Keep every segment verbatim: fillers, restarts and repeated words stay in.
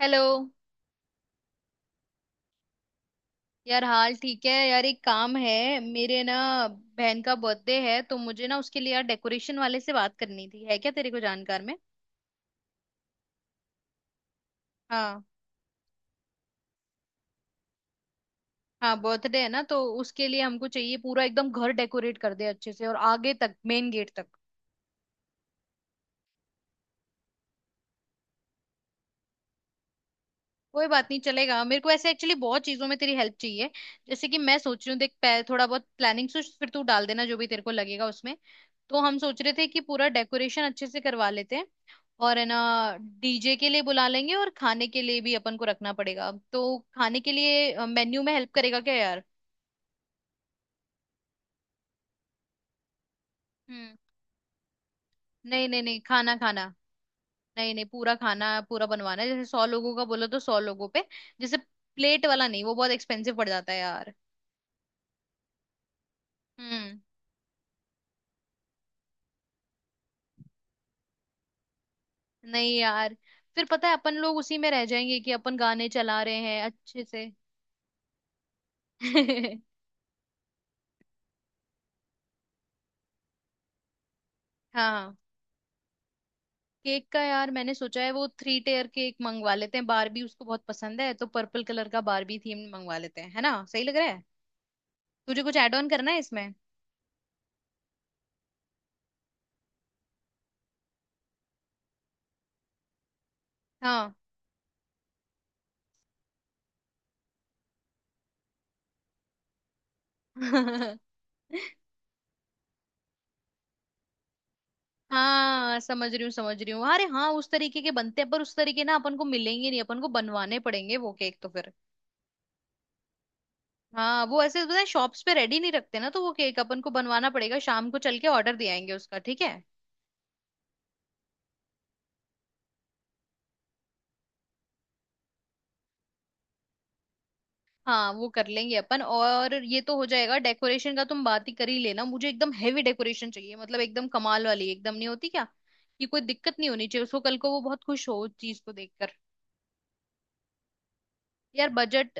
Hello. यार हाल ठीक है यार, एक काम है। मेरे ना, बहन का बर्थडे है, तो मुझे ना उसके लिए यार डेकोरेशन वाले से बात करनी थी, है क्या तेरे को जानकार में? हाँ। हाँ, बर्थडे है ना, तो उसके लिए हमको चाहिए पूरा एकदम घर डेकोरेट कर दे अच्छे से, और आगे तक मेन गेट तक। कोई बात नहीं, चलेगा मेरे को ऐसे, एक्चुअली बहुत चीजों में तेरी हेल्प चाहिए। जैसे कि मैं सोच रही हूँ, देख पह- थोड़ा बहुत प्लानिंग सोच, फिर तू डाल देना जो भी तेरे को लगेगा उसमें। तो हम सोच रहे थे कि पूरा डेकोरेशन अच्छे से करवा लेते हैं। और है ना, डी जे के लिए बुला लेंगे, और खाने के लिए भी अपन को रखना पड़ेगा, तो खाने के लिए मेन्यू में हेल्प करेगा क्या यार? हम्म। नहीं नहीं नहीं, खाना खाना, नहीं नहीं पूरा खाना पूरा बनवाना है। जैसे सौ लोगों का बोलो तो सौ लोगों पे, जैसे, प्लेट वाला नहीं, वो बहुत एक्सपेंसिव पड़ जाता है यार। हम्म। नहीं यार, फिर पता है अपन लोग उसी में रह जाएंगे कि अपन गाने चला रहे हैं अच्छे से। हाँ, केक का यार मैंने सोचा है, वो थ्री टेयर केक मंगवा लेते हैं। बारबी उसको बहुत पसंद है, तो पर्पल कलर का बारबी थीम मंगवा लेते हैं, है ना? सही लग रहा है? तुझे कुछ ऐड ऑन करना है इसमें? हाँ। हाँ, समझ रही हूँ समझ रही हूँ। अरे हाँ, उस तरीके के बनते हैं, पर उस तरीके ना अपन को मिलेंगे नहीं, अपन को बनवाने पड़ेंगे वो केक तो। हाँ, वो ऐसे पता है शॉप्स पे रेडी नहीं रखते ना, तो वो केक अपन को बनवाना पड़ेगा। शाम को चल के ऑर्डर दे आएंगे उसका, ठीक है? हाँ, वो कर लेंगे अपन, और ये तो हो जाएगा डेकोरेशन का, तुम बात ही कर ही लेना। मुझे एकदम हेवी डेकोरेशन चाहिए, मतलब एकदम कमाल वाली, एकदम नहीं होती क्या कि कोई दिक्कत नहीं होनी चाहिए उसको, कल को वो बहुत खुश हो उस चीज को देखकर। यार बजट,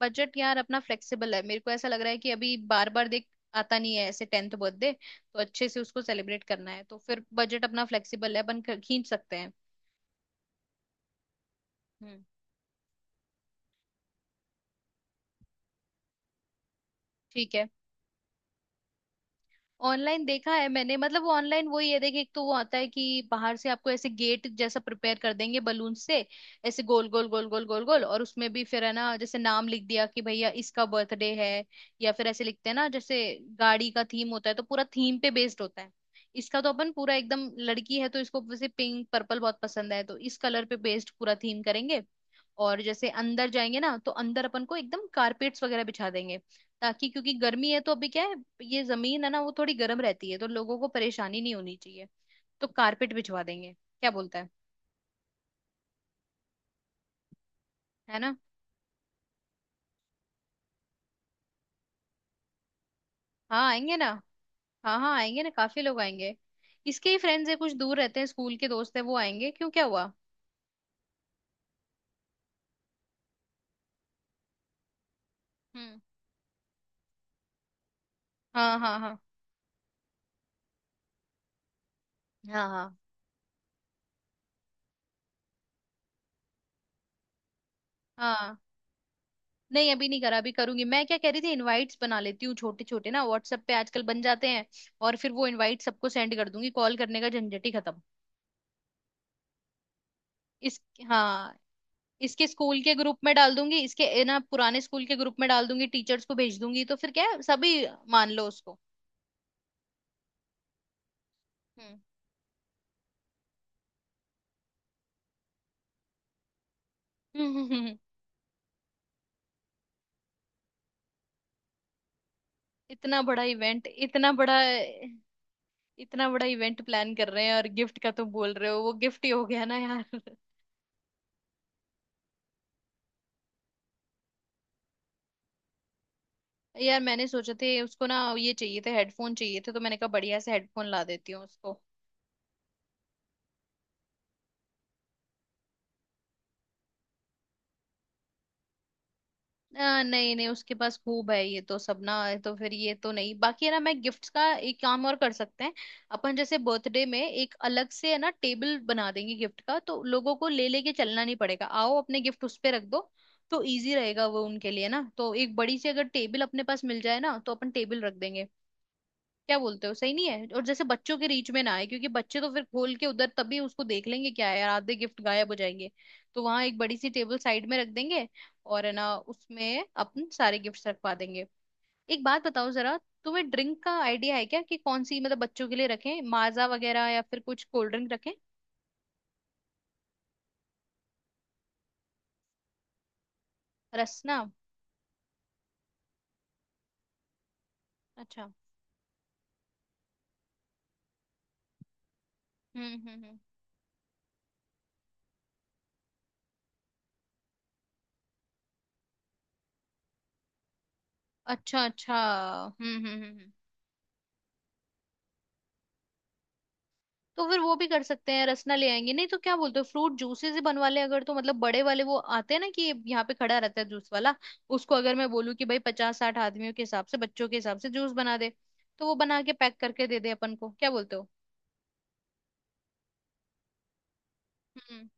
बजट यार अपना फ्लेक्सिबल है, मेरे को ऐसा लग रहा है कि अभी, बार बार देख आता नहीं है ऐसे टेंथ बर्थडे। तो अच्छे से उसको सेलिब्रेट करना है, तो फिर बजट अपना फ्लेक्सिबल है, अपन ख- खींच सकते हैं। हम्म। ठीक है। ऑनलाइन देखा है मैंने, मतलब वो ऑनलाइन वही है, देखिए एक तो वो आता है कि बाहर से आपको ऐसे गेट जैसा प्रिपेयर कर देंगे बलून से, ऐसे गोल गोल गोल गोल गोल गोल, और उसमें भी फिर है ना जैसे नाम लिख दिया कि भैया इसका बर्थडे है, या फिर ऐसे लिखते हैं ना, जैसे गाड़ी का थीम होता है, तो पूरा थीम पे बेस्ड होता है। इसका तो अपन पूरा एकदम, लड़की है तो इसको वैसे पिंक पर्पल बहुत पसंद है, तो इस कलर पे बेस्ड पूरा थीम करेंगे। और जैसे अंदर जाएंगे ना, तो अंदर अपन को एकदम कारपेट्स वगैरह बिछा देंगे, ताकि, क्योंकि गर्मी है तो अभी क्या है, ये जमीन है ना वो थोड़ी गर्म रहती है, तो लोगों को परेशानी नहीं होनी चाहिए। तो कारपेट बिछवा देंगे, क्या बोलता है? है ना। हाँ आएंगे ना। हाँ हाँ आएंगे ना, काफी लोग आएंगे। इसके ही फ्रेंड्स है, कुछ दूर रहते हैं, स्कूल के दोस्त है वो आएंगे। क्यों, क्या हुआ? हम्म। हाँ हाँ हाँ हाँ। हाँ हाँ। नहीं, अभी नहीं करा, अभी करूंगी। मैं क्या कह रही थी, इनवाइट्स बना लेती हूँ छोटे छोटे ना, व्हाट्सएप पे आजकल बन जाते हैं, और फिर वो इनवाइट सबको सेंड कर दूंगी, कॉल करने का झंझट ही खत्म। इस हाँ, इसके स्कूल के ग्रुप में डाल दूंगी, इसके ए, ना पुराने स्कूल के ग्रुप में डाल दूंगी, टीचर्स को भेज दूंगी, तो फिर क्या है, सभी मान लो उसको। हम्म। इतना बड़ा इवेंट, इतना बड़ा, इतना बड़ा इवेंट प्लान कर रहे हैं और गिफ्ट का तुम बोल रहे हो, वो गिफ्ट ही हो गया ना यार। यार मैंने सोचा थे, उसको ना ये चाहिए थे, हेडफोन चाहिए थे, तो मैंने कहा बढ़िया से हेडफोन ला देती हूँ उसको। आ, नहीं नहीं, उसके पास खूब है ये तो सब ना, तो फिर ये तो नहीं। बाकी है ना, मैं गिफ्ट्स का एक काम और कर सकते हैं, अपन जैसे बर्थडे में एक अलग से है ना टेबल बना देंगे गिफ्ट का, तो लोगों को ले लेके चलना नहीं पड़ेगा, आओ अपने गिफ्ट उस पे रख दो, तो इजी रहेगा वो उनके लिए ना। तो एक बड़ी सी अगर टेबल अपने पास मिल जाए ना, तो अपन टेबल रख देंगे, क्या बोलते हो, सही नहीं है? और जैसे बच्चों के रीच में ना आए, क्योंकि बच्चे तो फिर खोल के उधर तभी उसको देख लेंगे, क्या है यार, आधे गिफ्ट गायब हो जाएंगे। तो वहां एक बड़ी सी टेबल साइड में रख देंगे, और है ना उसमें अपन सारे गिफ्ट्स रखवा देंगे। एक बात बताओ जरा, तुम्हें ड्रिंक का आइडिया है क्या कि कौन सी, मतलब बच्चों के लिए रखें, माजा वगैरह या फिर कुछ कोल्ड ड्रिंक रखें? रसना? अच्छा। हम्म हम्म हम्म। अच्छा अच्छा, हम्म हम्म हम्म हम्म। तो फिर वो भी कर सकते हैं, रसना ले आएंगे, नहीं तो क्या बोलते हो, फ्रूट जूसेस ही बनवा ले, अगर, तो मतलब बड़े वाले वो आते हैं ना, कि यहाँ पे खड़ा रहता है जूस वाला, उसको अगर मैं बोलूँ कि भाई पचास साठ आदमियों के हिसाब से, बच्चों के हिसाब से जूस बना दे, तो वो बना के पैक करके दे दे अपन को, क्या बोलते हो? हम्म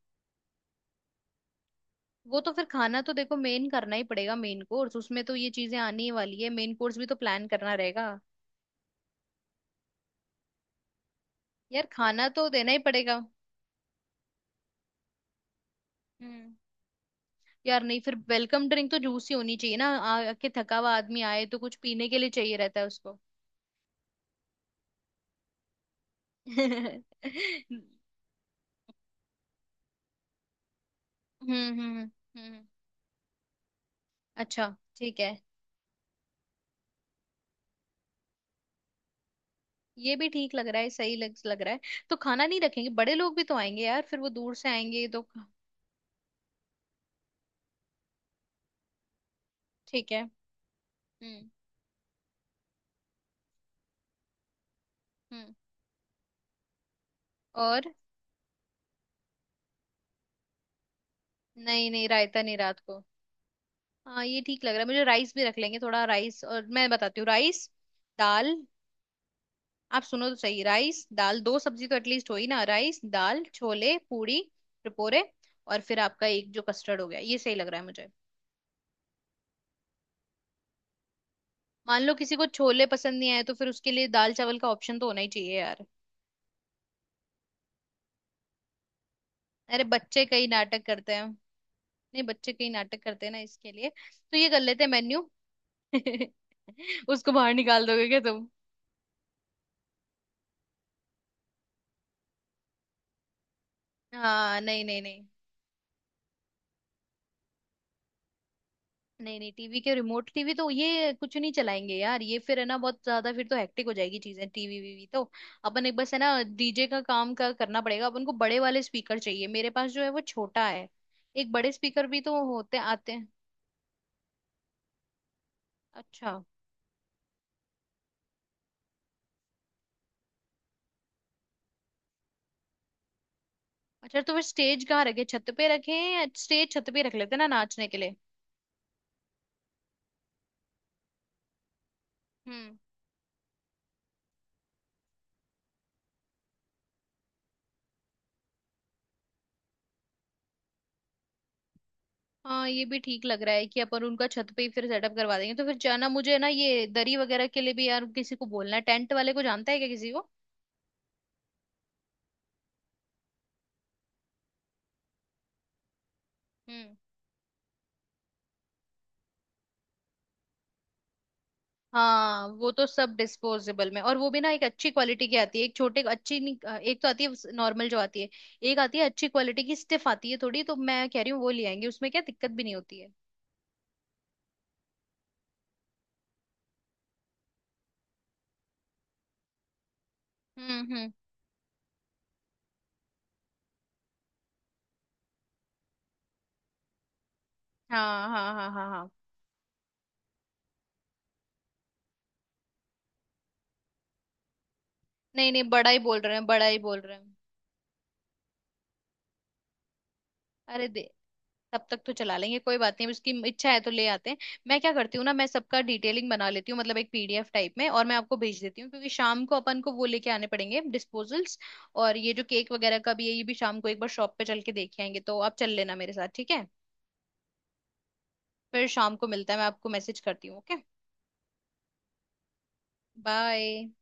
वो तो फिर खाना तो देखो मेन करना ही पड़ेगा, मेन कोर्स, उसमें तो ये चीजें आनी ही वाली है, मेन कोर्स भी तो प्लान करना रहेगा। यार खाना तो देना ही पड़ेगा। हम्म यार नहीं, फिर वेलकम ड्रिंक तो जूस ही होनी चाहिए ना, आके थका हुआ आदमी आए तो कुछ पीने के लिए चाहिए रहता है उसको। हम्म हम्म हम्म। अच्छा। ठीक है, ये भी ठीक लग रहा है, सही लग लग रहा है। तो खाना नहीं रखेंगे, बड़े लोग भी तो आएंगे यार, फिर वो दूर से आएंगे तो। ठीक है। हम्म। हम्म। और, नहीं नहीं, रायता नहीं, रात को। हाँ, ये ठीक लग रहा है मुझे, राइस भी रख लेंगे, थोड़ा राइस और मैं बताती हूँ। राइस दाल, आप सुनो तो सही, राइस दाल दो सब्जी तो एटलीस्ट हो ही ना, राइस दाल छोले पूरी टपोरे, और फिर आपका एक जो कस्टर्ड हो गया, ये सही लग रहा है मुझे। मान लो किसी को छोले पसंद नहीं आए, तो फिर उसके लिए दाल चावल का ऑप्शन तो होना ही चाहिए यार। अरे बच्चे कई नाटक करते हैं, नहीं बच्चे कई नाटक करते हैं ना, इसके लिए तो ये कर लेते हैं मेन्यू। उसको बाहर निकाल दोगे क्या तुम? हाँ नहीं नहीं नहीं। नहीं नहीं, टीवी के रिमोट, टीवी तो ये कुछ नहीं चलाएंगे यार, ये फिर है ना बहुत ज्यादा, फिर तो हेक्टिक हो जाएगी चीजें, टीवी वीवी तो। अपन एक बस है ना, डी जे का काम का करना पड़ेगा, अपन को बड़े वाले स्पीकर चाहिए, मेरे पास जो है वो छोटा है, एक बड़े स्पीकर भी तो होते आते हैं। अच्छा। अच्छा, तो फिर स्टेज कहाँ रखे, छत पे रखे? या स्टेज छत पे रख लेते हैं ना, नाचने के लिए। हम्म। हाँ, ये भी ठीक लग रहा है कि अपन उनका छत पे ही फिर सेटअप करवा देंगे। तो फिर जाना मुझे ना, ये दरी वगैरह के लिए भी यार, किसी को बोलना है, टेंट वाले को जानता है क्या किसी को? हम्म। हाँ, वो तो सब डिस्पोजेबल में, और वो भी ना एक अच्छी क्वालिटी की आती है, एक छोटे अच्छी नहीं- एक तो आती है नॉर्मल जो आती है, एक आती है अच्छी क्वालिटी की, स्टिफ आती है थोड़ी, तो मैं कह रही हूँ वो ले आएंगे, उसमें क्या दिक्कत भी नहीं होती है। हम्म हम्म। हाँ हाँ हाँ हाँ हाँ। नहीं नहीं, बड़ा ही बोल रहे हैं, बड़ा ही बोल रहे हैं। अरे दे, तब तक तो चला लेंगे, कोई बात नहीं, अब उसकी इच्छा है तो ले आते हैं। मैं क्या करती हूँ ना, मैं सबका डिटेलिंग बना लेती हूँ, मतलब एक पी डी एफ टाइप में, और मैं आपको भेज देती हूँ, क्योंकि शाम को अपन को वो लेके आने पड़ेंगे डिस्पोजल्स, और ये जो केक वगैरह का भी है, ये भी शाम को एक बार शॉप पे चल के देख आएंगे, तो आप चल लेना मेरे साथ, ठीक है? फिर शाम को मिलता है, मैं आपको मैसेज करती हूँ, ओके। बाय।